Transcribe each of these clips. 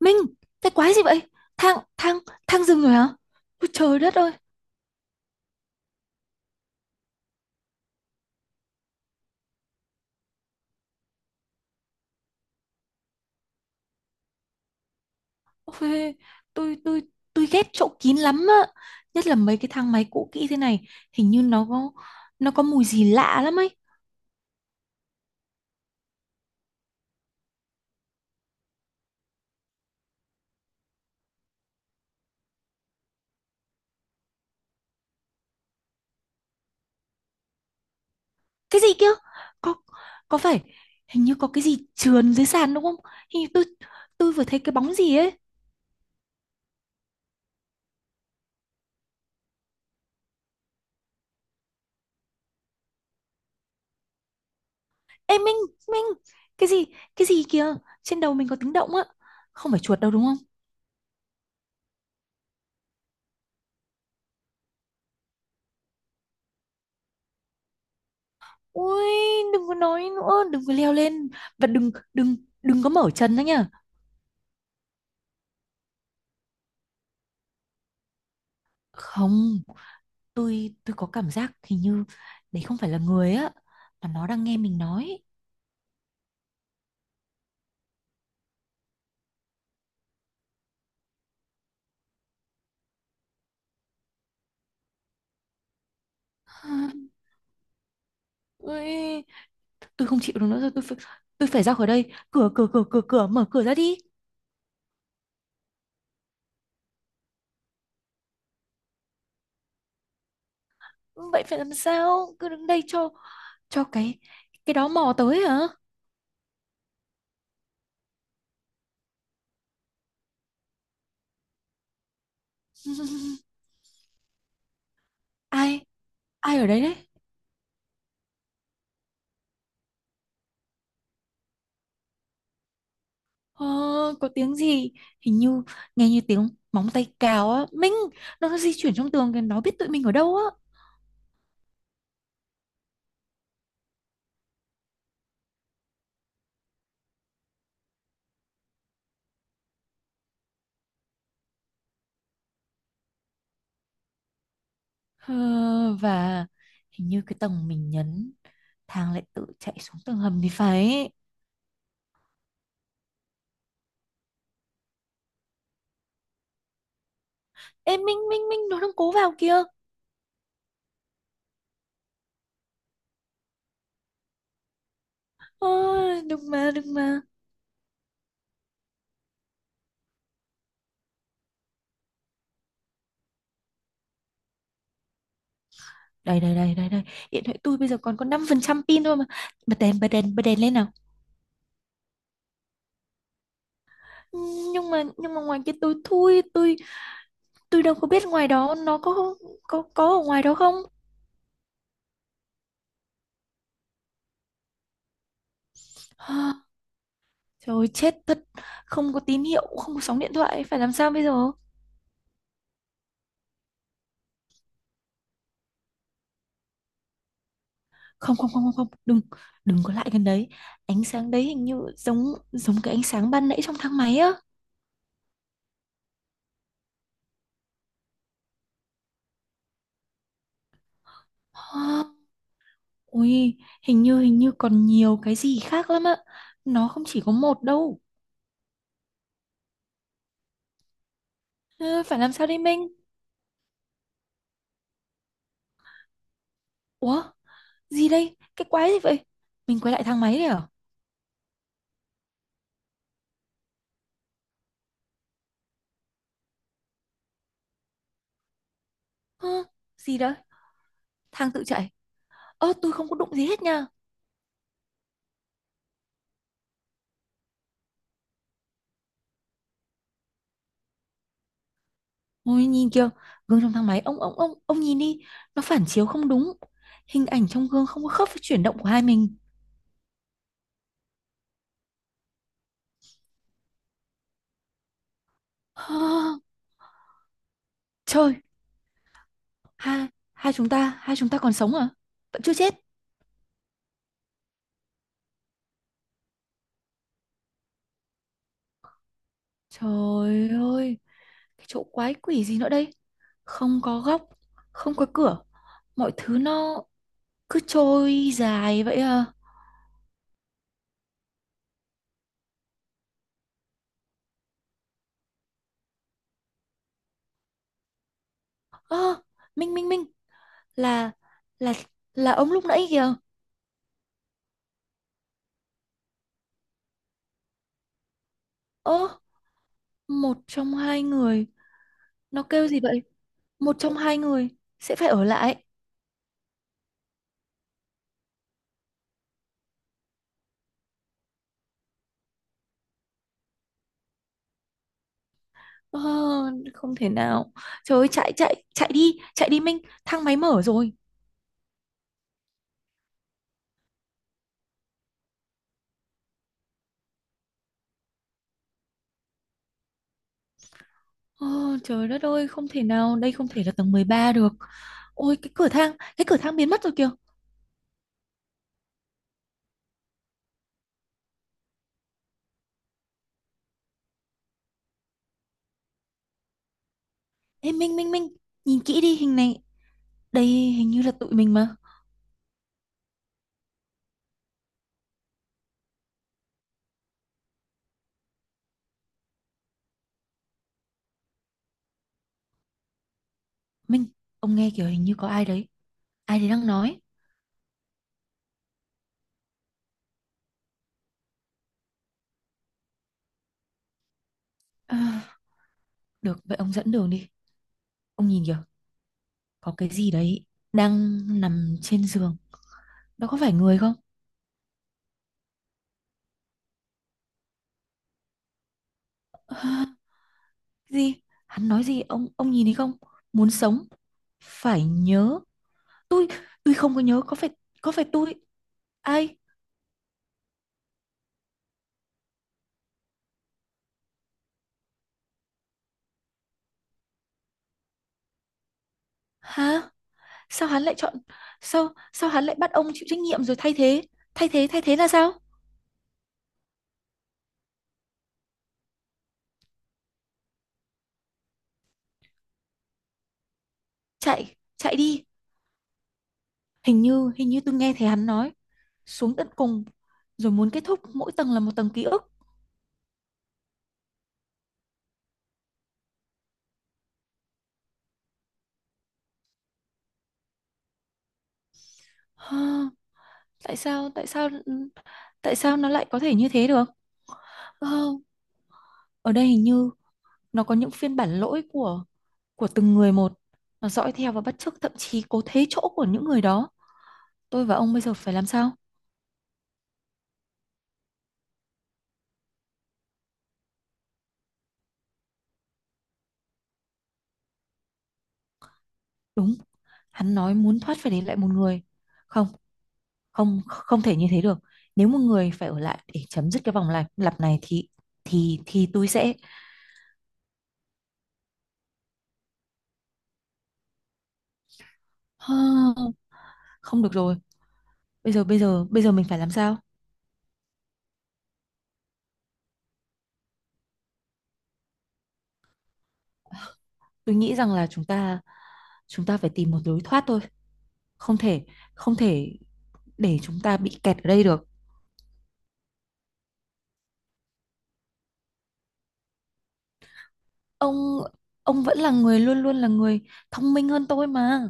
Minh, cái quái gì vậy? Thang, thang, thang dừng rồi hả? Ôi trời đất ơi! Ôi, tôi, tôi, tôi ghét chỗ kín lắm á. Nhất là mấy cái thang máy cũ kỹ thế này, hình như nó có mùi gì lạ lắm ấy. Cái gì kia? Có, có phải, hình như có cái gì trườn dưới sàn đúng không? Hình như tôi, tôi vừa thấy cái bóng gì ấy. Ê Minh, Minh, cái gì, cái gì kìa? Trên đầu mình có tiếng động á. Không phải chuột đâu đúng không? Ui, đừng có nói nữa, đừng có leo lên và đừng đừng đừng có mở chân nữa nhá. Không, tôi có cảm giác hình như đấy không phải là người á mà nó đang nghe mình nói. Ui, tôi không chịu được nữa rồi, tôi phải ra khỏi đây. Cửa cửa cửa cửa cửa mở cửa ra đi. Vậy phải làm sao? Cứ đứng đây cho cái đó mò tới hả? Ai ai ở đấy đấy? Ờ, có tiếng gì hình như nghe như tiếng móng tay cào á Minh, nó di chuyển trong tường kìa, nó biết tụi mình ở đâu á. Ờ, và hình như cái tầng mình nhấn, thang lại tự chạy xuống tầng hầm thì phải. Ê Minh Minh Minh, nó đang cố vào kìa. Ờ, đừng mà. Đây đây đây đây đây, điện thoại tôi bây giờ còn có 5% pin thôi mà. Bật đèn, bật đèn lên nào. Ừ, nhưng mà ngoài kia tôi, tôi đâu có biết ngoài đó nó có có ở ngoài đó không. Trời ơi, chết thật, không có tín hiệu, không có sóng điện thoại, phải làm sao bây giờ? Không không không không không, đừng, đừng có lại gần đấy. Ánh sáng đấy hình như giống giống cái ánh sáng ban nãy trong thang máy á. Hả? Ui, hình như còn nhiều cái gì khác lắm á. Nó không chỉ có một đâu. Ờ, phải làm sao đây Minh? Ủa, gì đây? Cái quái gì vậy? Mình quay lại thang máy đấy à? Hả? Gì đó? Thang tự chạy. Ơ, tôi không có đụng gì hết nha. Ôi nhìn kìa, gương trong thang máy, ông, nhìn đi, nó phản chiếu không đúng. Hình ảnh trong gương không có khớp với chuyển động của hai mình. Hơ, trời, hai hai chúng ta còn sống à? Vẫn chưa chết. Trời ơi, cái chỗ quái quỷ gì nữa đây? Không có góc, không có cửa, mọi thứ nó cứ trôi dài vậy à. Ơ, Minh Minh Minh, là là là ông lúc nãy kìa. Ơ, một trong hai người. Nó kêu gì vậy? Một trong hai người sẽ phải ở lại. Ờ, không thể nào. Trời ơi, chạy chạy chạy đi Minh, thang máy mở rồi. Ờ, trời đất ơi, không thể nào, đây không thể là tầng 13 được. Ôi cái cửa thang biến mất rồi kìa. Ê Minh Minh Minh, nhìn kỹ đi hình này. Đây hình như là tụi mình mà. Minh, ông nghe kiểu hình như có ai đấy đang nói. À, được, vậy ông dẫn đường đi. Ông nhìn kìa, có cái gì đấy đang nằm trên giường. Đó có phải người không? Ờ. Gì? Hắn nói gì? Ông nhìn thấy không? Muốn sống phải nhớ. tôi tôi không có nhớ, có phải, có phải tôi? Ai? Hả? Sao hắn lại chọn? Sao Sao hắn lại bắt ông chịu trách nhiệm rồi thay thế? Thay thế là sao? Chạy, chạy đi. Hình như tôi nghe thấy hắn nói, xuống tận cùng rồi muốn kết thúc, mỗi tầng là một tầng ký ức. Hơ, tại sao, tại sao nó lại có thể như thế được? Ờ, ở đây hình như nó có những phiên bản lỗi của từng người một, nó dõi theo và bắt chước, thậm chí cố thế chỗ của những người đó. Tôi và ông bây giờ phải làm sao? Đúng, hắn nói muốn thoát phải để lại một người. Không, không không thể như thế được. Nếu một người phải ở lại để chấm dứt cái vòng lặp lặp này thì thì tôi sẽ… Ha, không được rồi. Bây giờ bây giờ mình phải làm sao? Tôi nghĩ rằng là chúng ta phải tìm một lối thoát thôi. Không thể, không thể để chúng ta bị kẹt ở đây được. Ông ông vẫn là người, luôn luôn là người thông minh hơn tôi mà.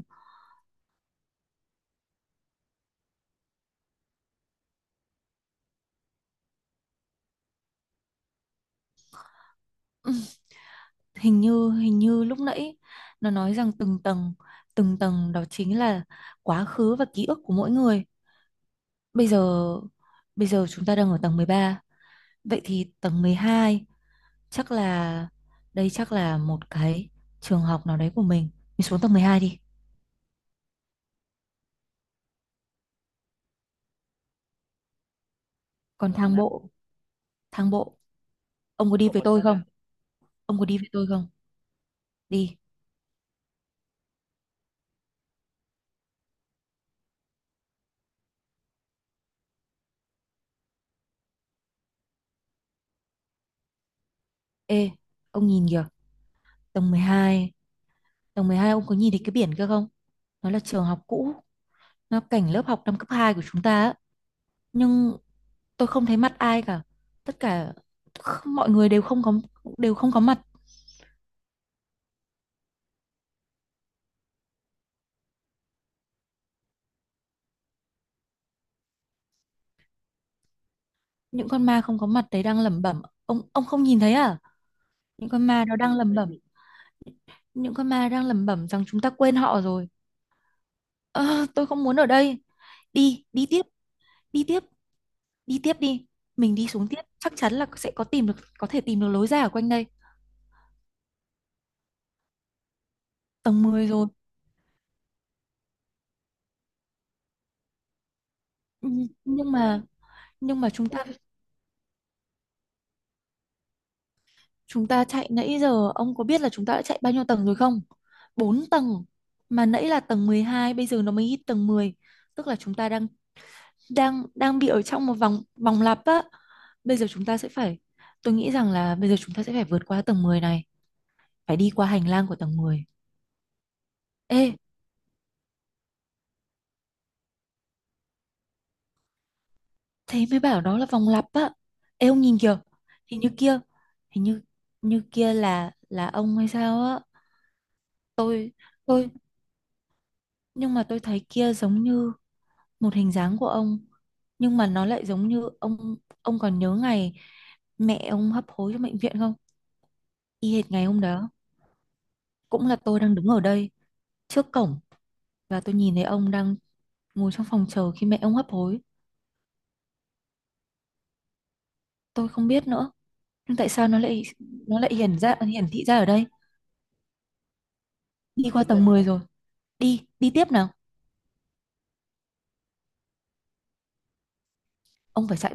Ừ, hình như hình như lúc nãy nó nói rằng từng tầng, từng tầng đó chính là quá khứ và ký ức của mỗi người. Bây giờ Bây giờ chúng ta đang ở tầng 13. Vậy thì tầng 12 chắc là, đây chắc là một cái trường học nào đấy của mình. Mình xuống tầng 12 đi. Còn thang bộ, ông có đi với tôi không? Ông có đi với tôi không? Đi. Ê, ông nhìn kìa, tầng 12. Tầng mười hai, ông có nhìn thấy cái biển kia không? Nó là trường học cũ, nó cảnh lớp học năm cấp 2 của chúng ta á. Nhưng tôi không thấy mặt ai cả. Tất cả mọi người đều không có, đều không có mặt. Những con ma không có mặt đấy đang lẩm bẩm. Ông không nhìn thấy à? Những con ma nó đang lẩm bẩm. Những con ma đang lẩm bẩm rằng chúng ta quên họ rồi. Ờ, tôi không muốn ở đây. Đi, đi tiếp, đi tiếp, đi tiếp đi. Mình đi xuống tiếp, chắc chắn là sẽ có tìm được, có thể tìm được lối ra ở quanh đây. Tầng 10 rồi. Ừ, nhưng mà nhưng mà chúng ta chúng ta chạy nãy giờ ông có biết là chúng ta đã chạy bao nhiêu tầng rồi không? 4 tầng, mà nãy là tầng 12, bây giờ nó mới hit tầng 10. Tức là chúng ta đang đang đang bị ở trong một vòng vòng lặp á. Bây giờ chúng ta sẽ phải… Tôi nghĩ rằng là bây giờ chúng ta sẽ phải vượt qua tầng 10 này, phải đi qua hành lang của tầng 10. Ê, thế mới bảo đó là vòng lặp á. Ê, ông nhìn kìa, hình như kia, hình như như kia là ông hay sao á. Tôi tôi nhưng mà tôi thấy kia giống như một hình dáng của ông, nhưng mà nó lại giống như ông. Ông còn nhớ ngày mẹ ông hấp hối trong bệnh viện không? Y hệt ngày hôm đó, cũng là tôi đang đứng ở đây trước cổng và tôi nhìn thấy ông đang ngồi trong phòng chờ khi mẹ ông hấp hối. Tôi không biết nữa, nhưng tại sao nó lại, nó lại hiển ra, hiển thị ra ở đây? Đi qua tầng 10 rồi. Đi, đi tiếp nào. Ông phải chạy.